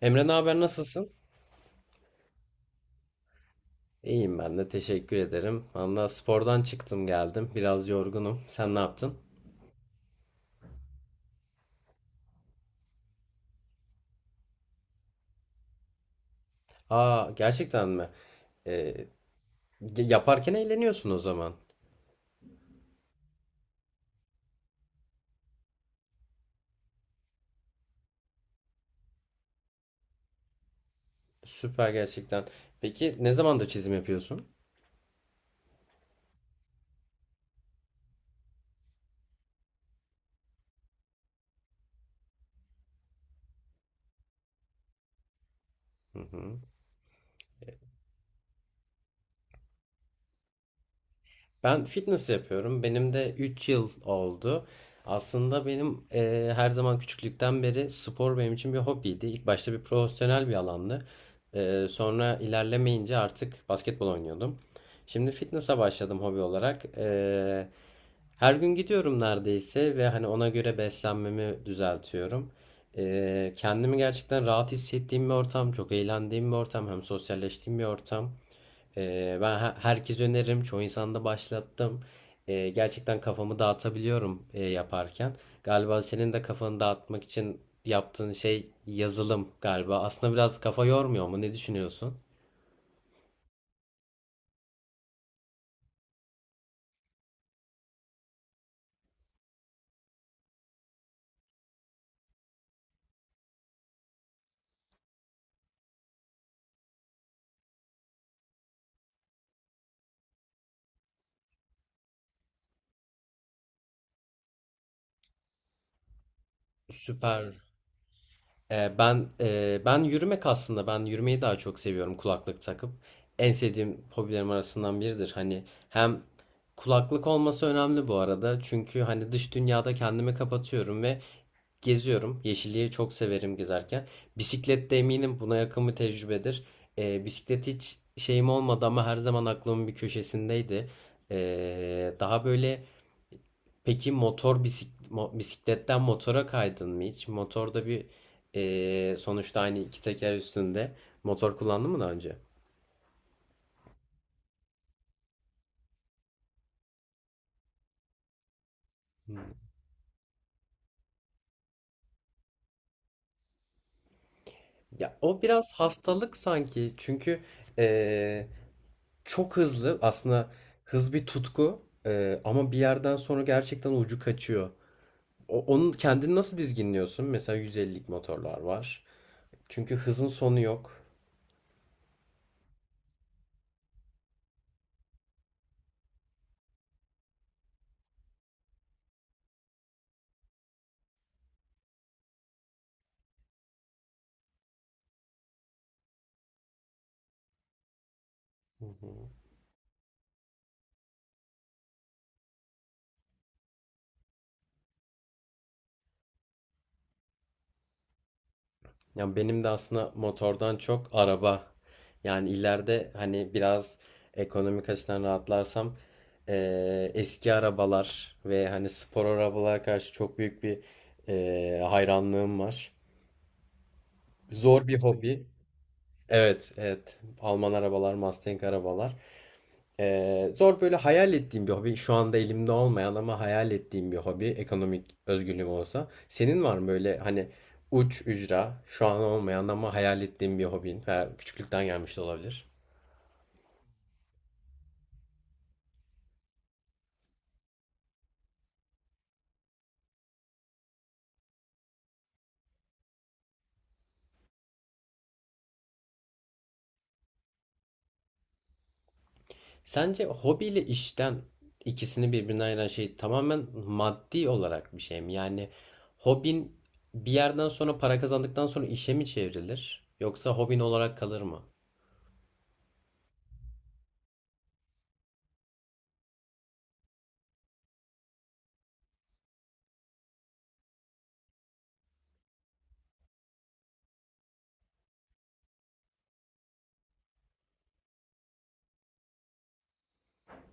Emre, ne haber, nasılsın? İyiyim, ben de teşekkür ederim. Valla spordan çıktım geldim. Biraz yorgunum. Sen ne yaptın? Aa, gerçekten mi? Ee, yaparken eğleniyorsun o zaman. Süper gerçekten. Peki ne zamandır çizim yapıyorsun? Hı hı. Ben fitness yapıyorum. Benim de 3 yıl oldu. Aslında benim her zaman küçüklükten beri spor benim için bir hobiydi. İlk başta bir profesyonel bir alandı. Sonra ilerlemeyince artık basketbol oynuyordum. Şimdi fitness'a başladım hobi olarak. Her gün gidiyorum neredeyse ve hani ona göre beslenmemi düzeltiyorum. Kendimi gerçekten rahat hissettiğim bir ortam, çok eğlendiğim bir ortam, hem sosyalleştiğim bir ortam. Herkes öneririm. Çoğu insanda başlattım. Gerçekten kafamı dağıtabiliyorum yaparken. Galiba senin de kafanı dağıtmak için yaptığın şey yazılım galiba. Aslında biraz kafa yormuyor mu? Ne düşünüyorsun? Süper. Ben yürümek aslında ben yürümeyi daha çok seviyorum kulaklık takıp. En sevdiğim hobilerim arasından biridir. Hani hem kulaklık olması önemli bu arada. Çünkü hani dış dünyada kendimi kapatıyorum ve geziyorum. Yeşilliği çok severim gezerken. Bisiklet de eminim buna yakın bir tecrübedir. Bisiklet hiç şeyim olmadı ama her zaman aklımın bir köşesindeydi. Daha böyle peki bisikletten motora kaydın mı hiç? Motorda bir sonuçta aynı iki teker üstünde motor kullandın mı daha önce? Hmm. Ya o biraz hastalık sanki çünkü eee, çok hızlı aslında hız bir tutku, ama bir yerden sonra gerçekten ucu kaçıyor. Onun kendini nasıl dizginliyorsun? Mesela 150'lik motorlar var. Çünkü hızın sonu yok. Hı hı. Ya benim de aslında motordan çok araba. Yani ileride hani biraz ekonomik açıdan rahatlarsam eski arabalar ve hani spor arabalara karşı çok büyük bir hayranlığım var. Zor bir hobi. Evet, evet. Alman arabalar, Mustang arabalar. Zor böyle hayal ettiğim bir hobi. Şu anda elimde olmayan ama hayal ettiğim bir hobi. Ekonomik özgürlüğüm olsa. Senin var mı böyle hani uç ücra şu an olmayan ama hayal ettiğim bir hobin veya küçüklükten gelmiş de olabilir. Sence hobiyle işten ikisini birbirinden ayıran şey tamamen maddi olarak bir şey mi? Yani hobin bir yerden sonra para kazandıktan sonra işe mi çevrilir? Yoksa hobin olarak kalır mı?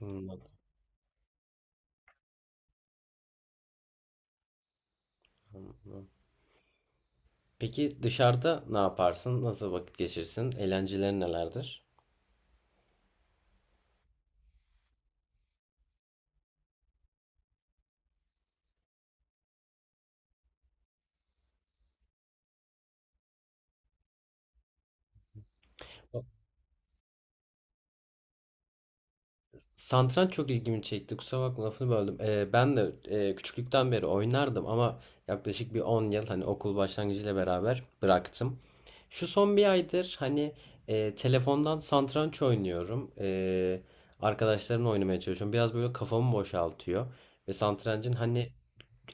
Hmm, anladım. Peki dışarıda ne yaparsın? Nasıl vakit geçirsin? Eğlencelerin nelerdir? Satranç çok ilgimi çekti. Kusura bakma, lafını böldüm. Küçüklükten beri oynardım ama yaklaşık bir 10 yıl hani okul başlangıcıyla beraber bıraktım. Şu son bir aydır hani telefondan satranç oynuyorum. Arkadaşlarımla oynamaya çalışıyorum. Biraz böyle kafamı boşaltıyor. Ve satrancın hani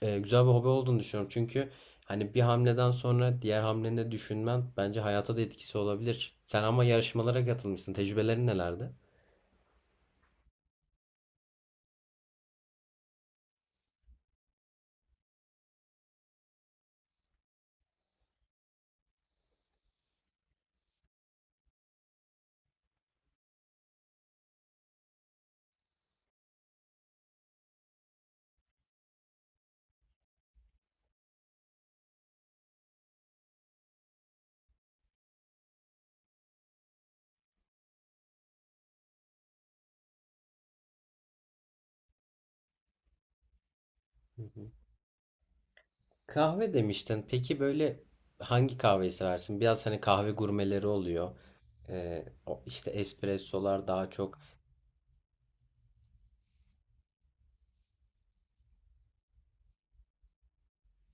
güzel bir hobi olduğunu düşünüyorum. Çünkü hani bir hamleden sonra diğer hamleni de düşünmen bence hayata da etkisi olabilir. Sen ama yarışmalara katılmışsın. Tecrübelerin nelerdi? Hı hı. Kahve demiştin. Peki böyle hangi kahveyi seversin? Biraz hani kahve gurmeleri oluyor. O işte espressolar daha çok.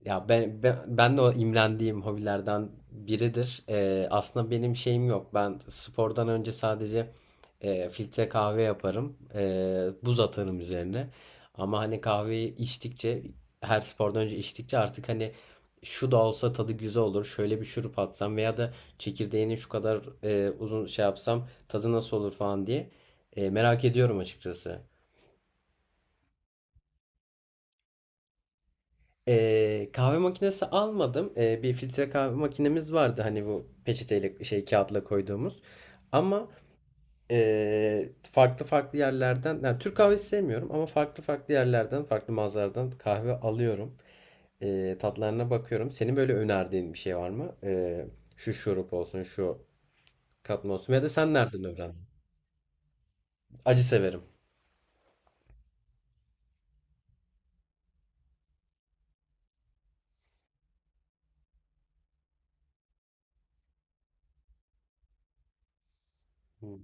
Ya ben de o imrendiğim hobilerden biridir. Aslında benim şeyim yok. Ben spordan önce sadece filtre kahve yaparım. Buz atarım üzerine. Ama hani kahveyi içtikçe, her spordan önce içtikçe artık hani şu da olsa tadı güzel olur. Şöyle bir şurup atsam veya da çekirdeğini şu kadar uzun şey yapsam tadı nasıl olur falan diye merak ediyorum açıkçası. Kahve makinesi almadım. Bir filtre kahve makinemiz vardı. Hani bu peçeteyle şey kağıtla koyduğumuz. Ama farklı farklı yerlerden, yani Türk kahvesi sevmiyorum ama farklı farklı yerlerden farklı mağazalardan kahve alıyorum. Tatlarına bakıyorum. Senin böyle önerdiğin bir şey var mı? Şu şurup olsun, şu katma olsun. Ya da sen nereden öğrendin? Acı severim. Hmm.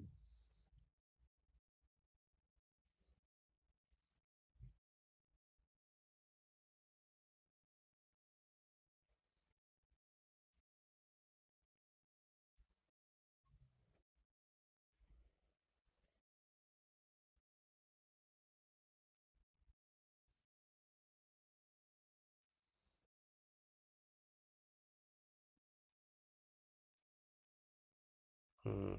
Hmm.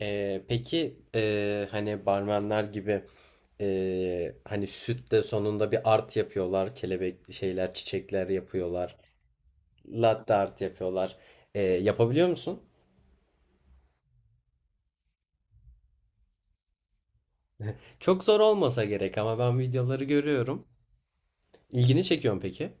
Peki hani barmenler gibi, hani süt de sonunda bir art yapıyorlar. Kelebek şeyler, çiçekler yapıyorlar. Latte art yapıyorlar. Yapabiliyor musun? Çok zor olmasa gerek ama ben videoları görüyorum. İlgini çekiyor mu peki?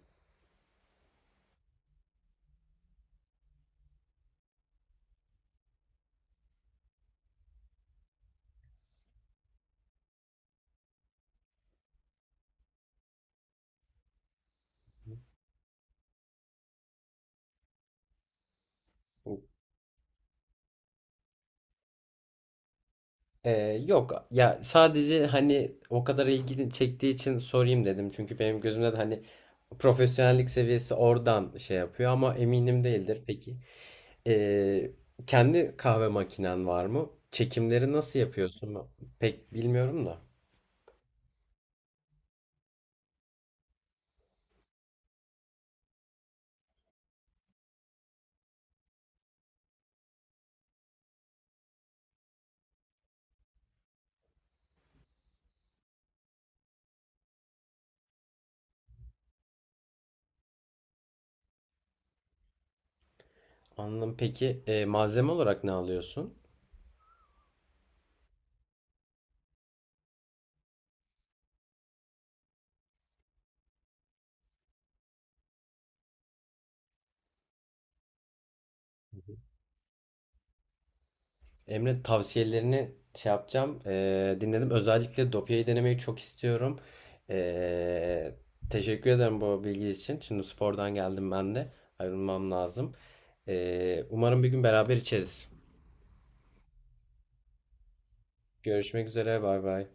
Ee, Yok ya, sadece hani o kadar ilgini çektiği için sorayım dedim. Çünkü benim gözümde de hani profesyonellik seviyesi oradan şey yapıyor ama eminim değildir. Peki. Ee, Kendi kahve makinen var mı? Çekimleri nasıl yapıyorsun? Ben pek bilmiyorum da. Anladım. Peki malzeme olarak ne alıyorsun? Emre, tavsiyelerini şey yapacağım. Dinledim. Özellikle Dopia'yı denemeyi çok istiyorum. E, Teşekkür ederim bu bilgi için. Şimdi spordan geldim ben de. Ayrılmam lazım. Umarım bir gün beraber içeriz. Görüşmek üzere. Bay bay.